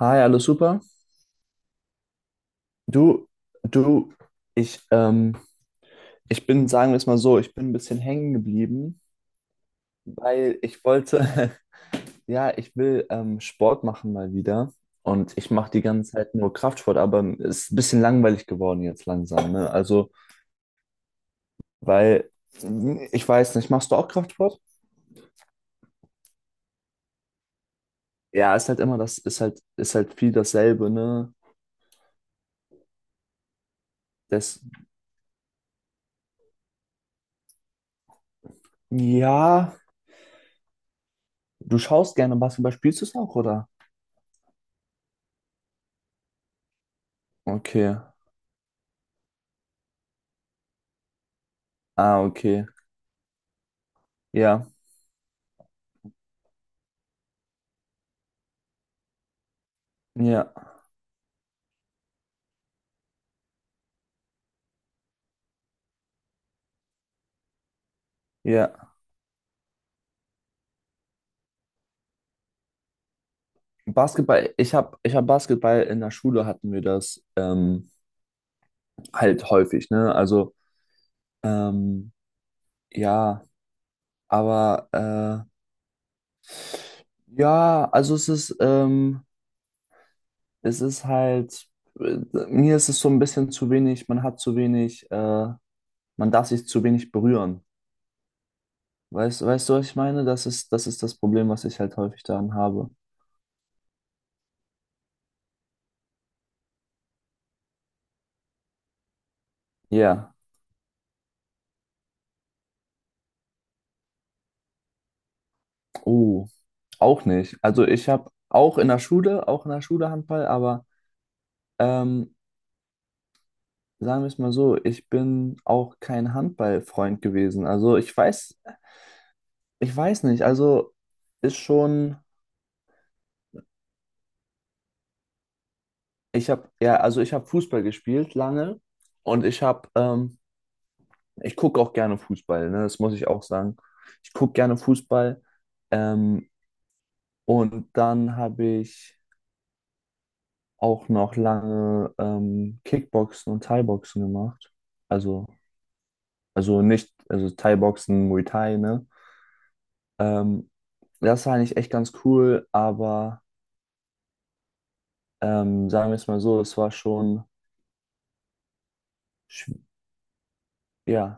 Hi, alles super? Du, du, ich, ähm, ich bin, sagen wir es mal so, ich bin ein bisschen hängen geblieben, weil ich wollte, ja, ich will Sport machen mal wieder, und ich mache die ganze Zeit nur Kraftsport, aber es ist ein bisschen langweilig geworden jetzt langsam, ne? Also, weil, ich weiß nicht, machst du auch Kraftsport? Ja, ist halt immer das, ist halt viel dasselbe, ne? Das, ja, du schaust gerne Basketball, spielst du es auch, oder? Okay, ah, okay, ja, ja. Ja, Basketball, ich hab Basketball, in der Schule hatten wir das halt häufig, ne? Also, ähm, ja, aber ja, also es ist halt, äh, mir ist es so ein bisschen zu wenig, man hat zu wenig, man darf sich zu wenig berühren. Weißt du, was ich meine? Das ist das Problem, was ich halt häufig daran habe. Ja, oh, auch nicht. Also ich habe auch in der Schule Handball, aber. Ähm, Sagen wir es mal so, ich bin auch kein Handballfreund gewesen. Also ich weiß nicht. Also ist schon, ich habe ja, also ich habe Fußball gespielt lange, und ich gucke auch gerne Fußball, ne? Das muss ich auch sagen. Ich gucke gerne Fußball. Ähm, und dann habe ich auch noch lange Kickboxen und Thai-Boxen gemacht. Also, also nicht, also Thai-Boxen, Muay Thai, ne? Ähm, das war eigentlich echt ganz cool, aber sagen wir es mal so, es war schon, schw- ja,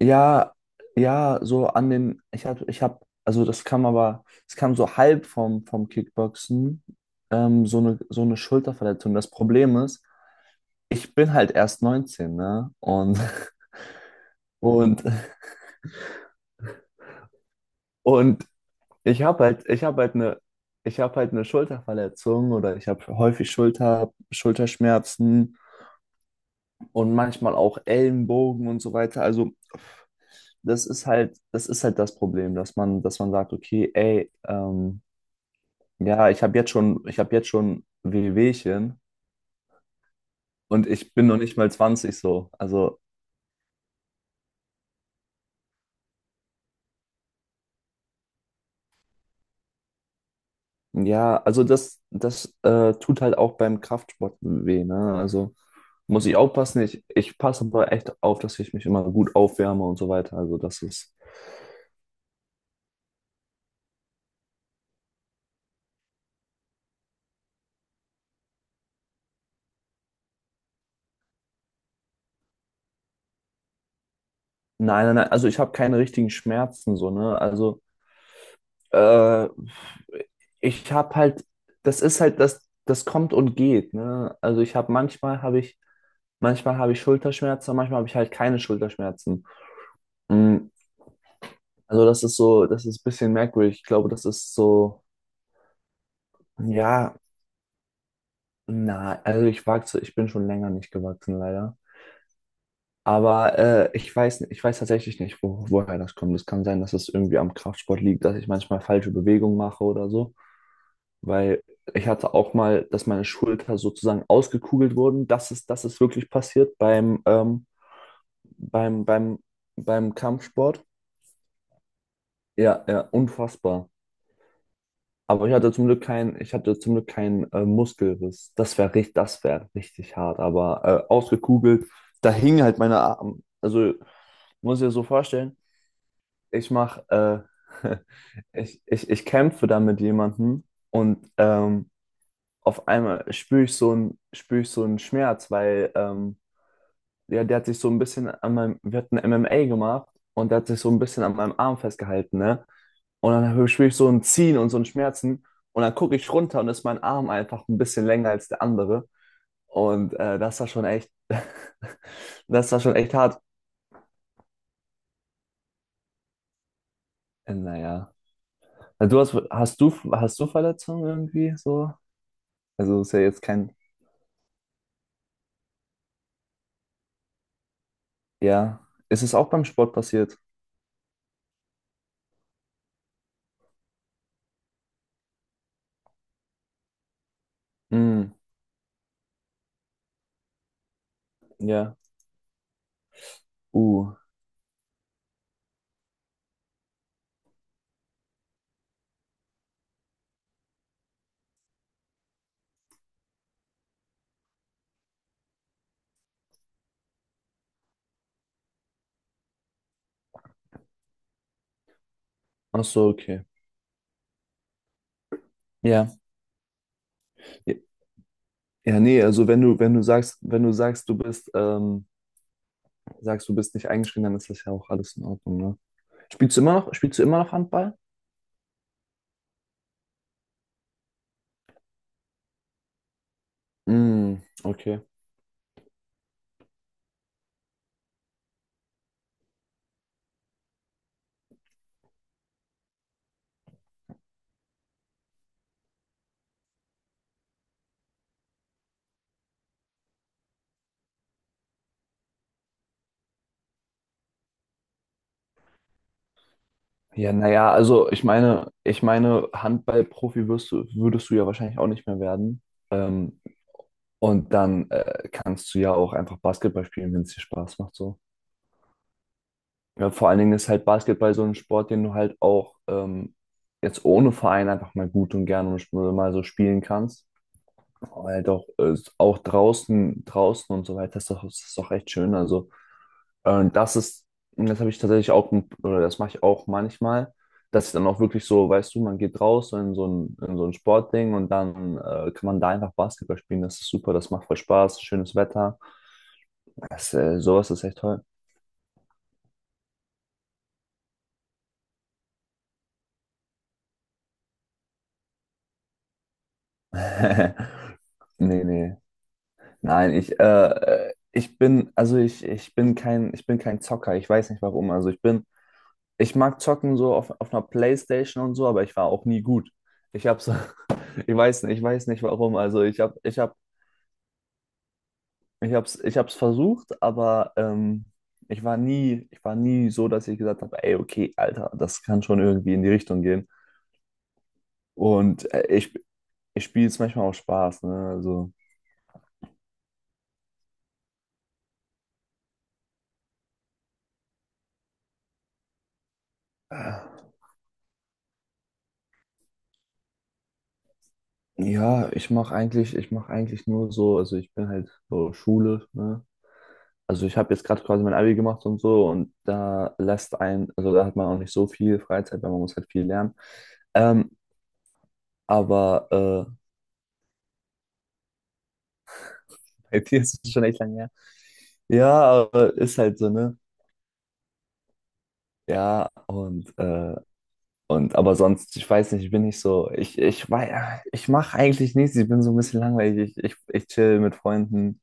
ja, ja, so an den, also es kam so halb vom, Kickboxen, so eine Schulterverletzung. Das Problem ist, ich bin halt erst 19, ne? Und, und, und ich habe halt, ich habe halt eine, ich habe halt eine Schulterverletzung, oder ich habe häufig Schulterschmerzen und manchmal auch Ellenbogen und so weiter. Also das ist halt das Problem, dass man sagt, okay, ey, ja, ich habe jetzt schon Wehwehchen, und ich bin noch nicht mal 20, so. Also ja, also das tut halt auch beim Kraftsport weh, ne? Also muss ich aufpassen. Ich passe aber echt auf, dass ich mich immer gut aufwärme und so weiter. Also das ist, nein, nein, nein. Also ich habe keine richtigen Schmerzen so, ne? Also Äh, ich habe halt, das kommt und geht, ne? Also ich habe manchmal habe ich Schulterschmerzen, manchmal habe ich halt keine Schulterschmerzen. Mm, Also das ist so, das ist ein bisschen merkwürdig. Ich glaube, das ist so, ja, na, also ich wachse, ich bin schon länger nicht gewachsen, leider. Aber ich weiß tatsächlich nicht, woher das kommt. Es kann sein, dass es irgendwie am Kraftsport liegt, dass ich manchmal falsche Bewegungen mache oder so. Weil ich hatte auch mal, dass meine Schulter sozusagen ausgekugelt wurden. Das ist wirklich passiert beim, beim, beim Kampfsport. Ja, ja, unfassbar. Aber ich hatte zum Glück keinen Muskelriss. Das wäre richtig hart. Aber ausgekugelt, da hingen halt meine Arme. Also muss ich dir so vorstellen, ich mache, äh, ich kämpfe da mit jemandem, und auf einmal spüre ich so einen Schmerz, weil ja, der hat sich so ein bisschen an meinem, wir hatten MMA gemacht, und der hat sich so ein bisschen an meinem Arm festgehalten, ne? Und dann spüre ich so ein Ziehen und so ein Schmerzen, und dann gucke ich runter und ist mein Arm einfach ein bisschen länger als der andere. Und das war schon echt, das war schon echt hart. Naja. Du hast, hast du Verletzungen irgendwie so? Also ist ja jetzt kein, ja. Ist es auch beim Sport passiert? Mm, ja. Uh. Ach so, okay. Ja. Ja, ja, nee, also wenn du sagst, du bist nicht eingeschränkt, dann ist das ja auch alles in Ordnung, ne? Spielst du immer noch Handball? Mm, okay. Ja, naja, also ich meine, Handballprofi wirst du, würdest du ja wahrscheinlich auch nicht mehr werden. Ähm, und dann kannst du ja auch einfach Basketball spielen, wenn es dir Spaß macht, so. Ja, vor allen Dingen ist halt Basketball so ein Sport, den du halt auch jetzt ohne Verein einfach mal gut und gerne und mal so spielen kannst. Weil doch, auch draußen und so weiter ist doch, echt schön. Also, äh, das ist, das habe ich tatsächlich auch, oder das mache ich auch manchmal, dass ich dann auch wirklich so, weißt du, man geht raus in so ein Sportding, und dann kann man da einfach Basketball spielen. Das ist super, das macht voll Spaß, schönes Wetter. Sowas ist echt toll. Nee, nee. Nein, ich bin kein Zocker. Ich weiß nicht warum. Also ich mag zocken so auf einer Playstation und so, aber ich war auch nie gut. Ich hab's, ich weiß nicht warum. Also ich hab's versucht, aber ich war nie so, dass ich gesagt habe, ey, okay, Alter, das kann schon irgendwie in die Richtung gehen. Und ich spiele es manchmal auch Spaß, ne? Also äh, ja, ich mache eigentlich nur so, also ich bin halt so Schule, ne? Also ich habe jetzt gerade quasi mein Abi gemacht und so, und also da hat man auch nicht so viel Freizeit, weil man muss halt viel lernen. Ähm, aber bei dir ist es schon echt lange her. Ja, aber ist halt so, ne? Ja, und aber sonst, ich weiß nicht, ich bin nicht so, ich weiß, ich mache eigentlich nichts, ich bin so ein bisschen langweilig, ich chill mit Freunden.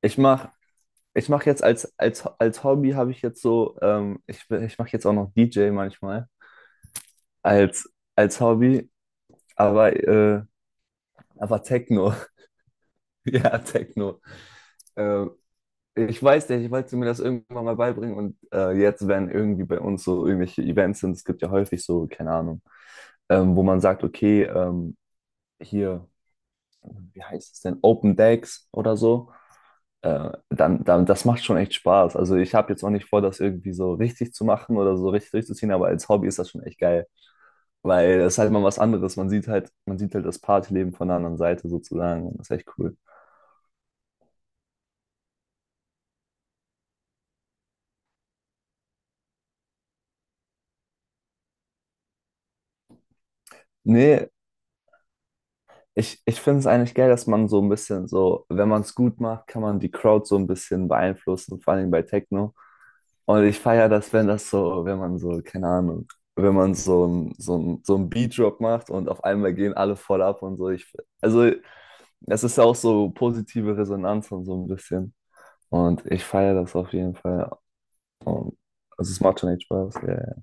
Ich mach, ich mach jetzt als, Hobby habe ich jetzt so, ich mache jetzt auch noch DJ manchmal als, als Hobby. Aber, äh, aber Techno. Ja, Techno. Äh, ich weiß nicht, ich wollte mir das irgendwann mal beibringen, und jetzt, wenn irgendwie bei uns so irgendwelche Events sind, es gibt ja häufig so, keine Ahnung, wo man sagt, okay, hier, wie heißt es denn, Open Decks oder so, das macht schon echt Spaß. Also ich habe jetzt auch nicht vor, das irgendwie so richtig zu machen oder so richtig durchzuziehen, aber als Hobby ist das schon echt geil, weil es ist halt mal was anderes. Man sieht halt das Partyleben von der anderen Seite sozusagen, und das ist echt cool. Nee, ich finde es eigentlich geil, dass man so ein bisschen so, wenn man es gut macht, kann man die Crowd so ein bisschen beeinflussen, vor allem bei Techno. Und ich feiere das, wenn das so, wenn man so, keine Ahnung, wenn man so ein Beat-Drop macht und auf einmal gehen alle voll ab und so. Also, es ist ja auch so positive Resonanz und so ein bisschen. Und ich feiere das auf jeden Fall. Also, es macht schon echt Spaß. Ja, ja.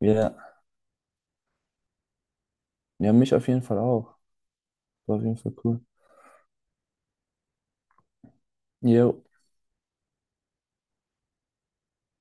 Ja, ja, ja, mich auf jeden Fall auch. War auf jeden Fall cool. Jo.